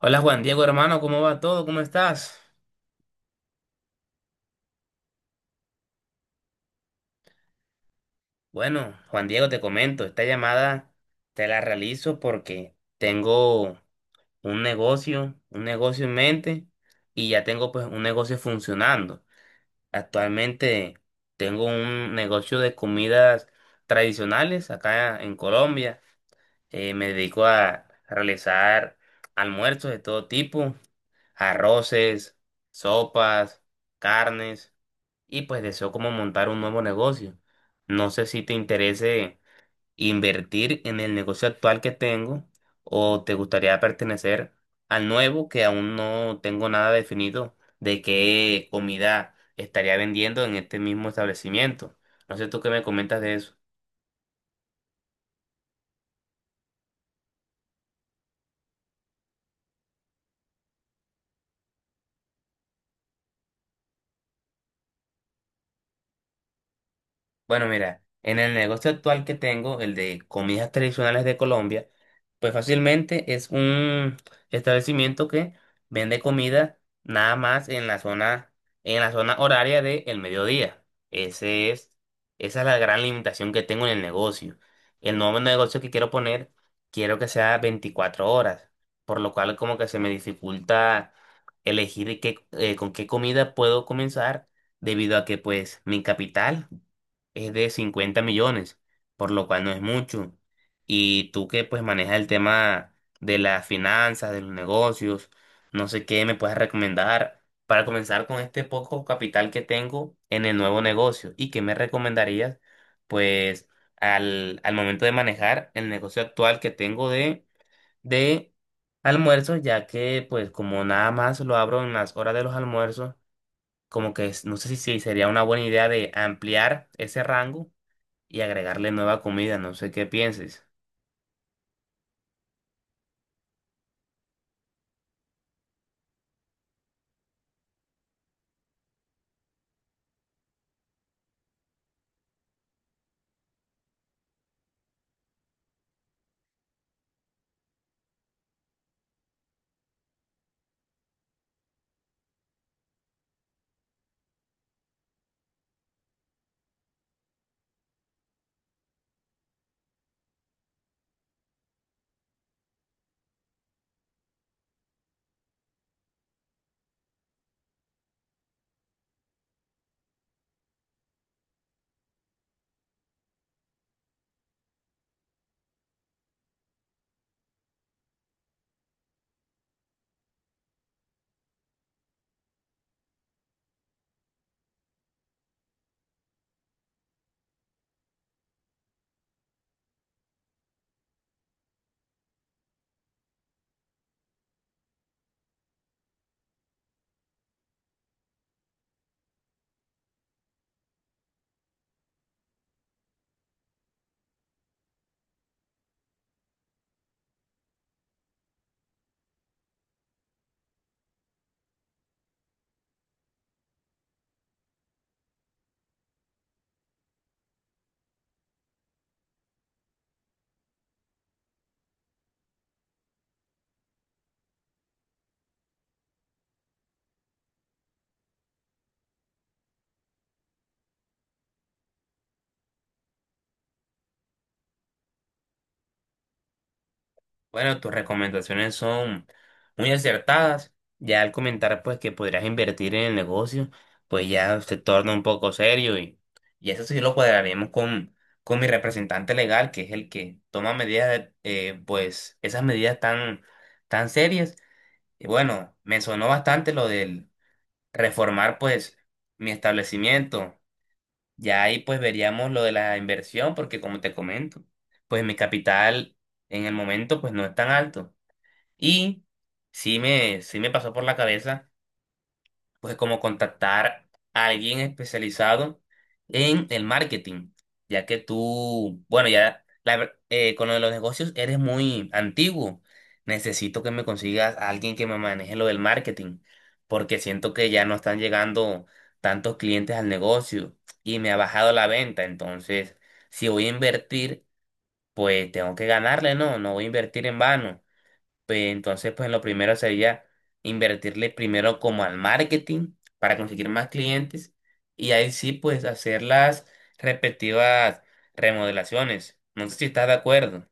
Hola Juan Diego, hermano, ¿cómo va todo? ¿Cómo estás? Bueno, Juan Diego, te comento, esta llamada te la realizo porque tengo un negocio en mente y ya tengo pues un negocio funcionando. Actualmente tengo un negocio de comidas tradicionales acá en Colombia. Me dedico a realizar almuerzos de todo tipo, arroces, sopas, carnes, y pues deseo como montar un nuevo negocio. No sé si te interese invertir en el negocio actual que tengo o te gustaría pertenecer al nuevo, que aún no tengo nada definido de qué comida estaría vendiendo en este mismo establecimiento. No sé tú qué me comentas de eso. Bueno, mira, en el negocio actual que tengo, el de comidas tradicionales de Colombia, pues fácilmente es un establecimiento que vende comida nada más en la zona horaria del mediodía. Ese es, esa es la gran limitación que tengo en el negocio. El nuevo negocio que quiero poner, quiero que sea 24 horas, por lo cual como que se me dificulta elegir qué, con qué comida puedo comenzar, debido a que pues mi capital es de 50 millones, por lo cual no es mucho. Y tú, que pues manejas el tema de las finanzas, de los negocios, no sé qué me puedes recomendar para comenzar con este poco capital que tengo en el nuevo negocio. ¿Y qué me recomendarías pues al momento de manejar el negocio actual que tengo de almuerzos, ya que pues como nada más lo abro en las horas de los almuerzos, como que no sé si sería una buena idea de ampliar ese rango y agregarle nueva comida? No sé qué pienses. Bueno, tus recomendaciones son muy acertadas. Ya al comentar pues que podrías invertir en el negocio, pues ya se torna un poco serio, y eso sí lo cuadraremos con mi representante legal, que es el que toma medidas, pues esas medidas tan, tan serias. Y bueno, me sonó bastante lo del reformar pues mi establecimiento. Ya ahí pues veríamos lo de la inversión, porque como te comento, pues mi capital en el momento pues no es tan alto. Y sí me pasó por la cabeza pues como contactar a alguien especializado en el marketing, ya que tú, bueno, ya la con lo de los negocios eres muy antiguo. Necesito que me consigas a alguien que me maneje lo del marketing, porque siento que ya no están llegando tantos clientes al negocio y me ha bajado la venta. Entonces, si voy a invertir, pues tengo que ganarle, ¿no? No voy a invertir en vano. Pues, entonces, pues lo primero sería invertirle primero como al marketing para conseguir más clientes y ahí sí, pues hacer las respectivas remodelaciones. No sé si estás de acuerdo.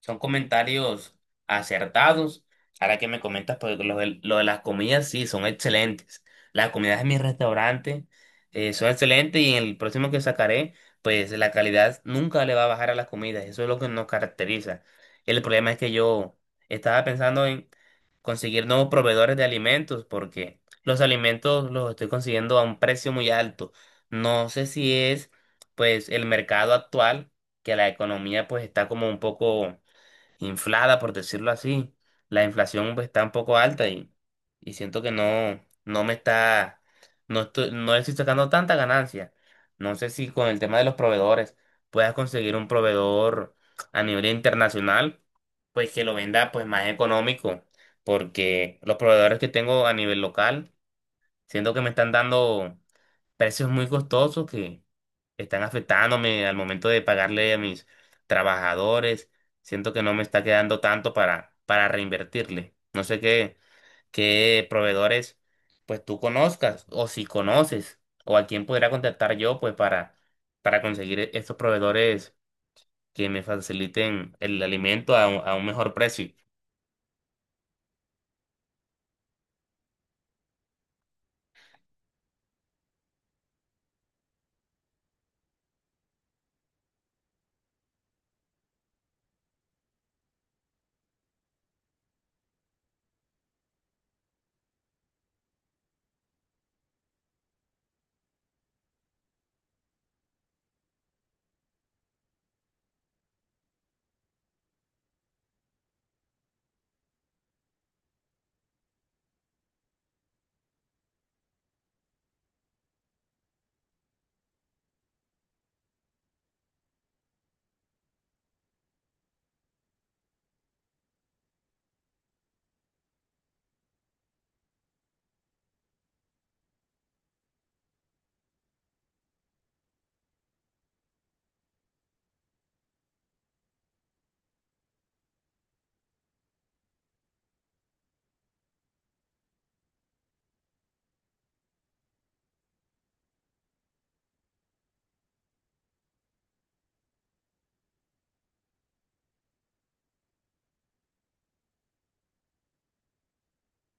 Son comentarios acertados. Ahora que me comentas, pues lo de las comidas, sí, son excelentes. Las comidas de mi restaurante son excelentes, y en el próximo que sacaré, pues la calidad nunca le va a bajar a las comidas. Eso es lo que nos caracteriza. El problema es que yo estaba pensando en conseguir nuevos proveedores de alimentos, porque los alimentos los estoy consiguiendo a un precio muy alto. No sé si es pues el mercado actual, que la economía pues está como un poco inflada, por decirlo así. La inflación pues, está un poco alta, y siento que no me está, no le estoy sacando tanta ganancia. No sé si con el tema de los proveedores puedas conseguir un proveedor a nivel internacional, pues que lo venda pues más económico, porque los proveedores que tengo a nivel local, siento que me están dando precios muy costosos que están afectándome al momento de pagarle a mis trabajadores. Siento que no me está quedando tanto para reinvertirle. No sé qué, qué proveedores pues tú conozcas, o si conoces o a quién podría contactar yo pues para conseguir estos proveedores que me faciliten el alimento a, a un mejor precio.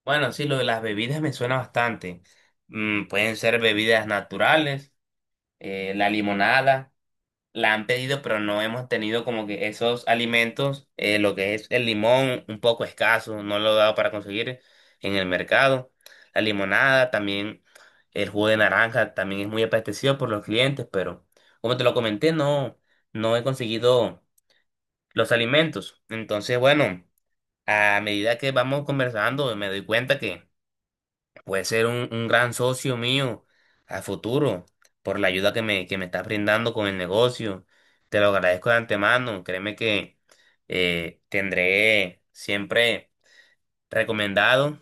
Bueno, sí, lo de las bebidas me suena bastante. Mm, pueden ser bebidas naturales, la limonada la han pedido, pero no hemos tenido como que esos alimentos, lo que es el limón, un poco escaso, no lo he dado para conseguir en el mercado. La limonada, también el jugo de naranja, también es muy apetecido por los clientes, pero como te lo comenté, no he conseguido los alimentos. Entonces, bueno, a medida que vamos conversando, me doy cuenta que puede ser un gran socio mío a futuro por la ayuda que que me estás brindando con el negocio. Te lo agradezco de antemano. Créeme que tendré siempre recomendado,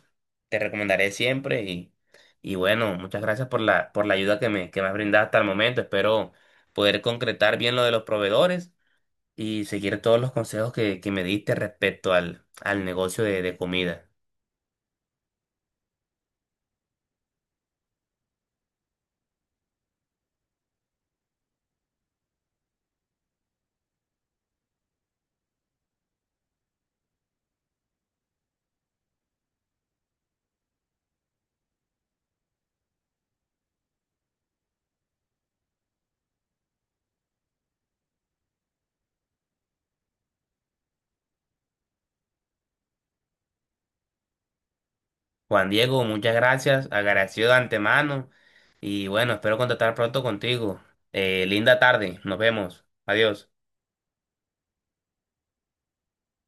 te recomendaré siempre, y bueno, muchas gracias por la ayuda que que me has brindado hasta el momento. Espero poder concretar bien lo de los proveedores y seguir todos los consejos que me diste respecto al negocio de comida. Juan Diego, muchas gracias, agradecido de antemano, y bueno, espero contactar pronto contigo. Linda tarde, nos vemos, adiós.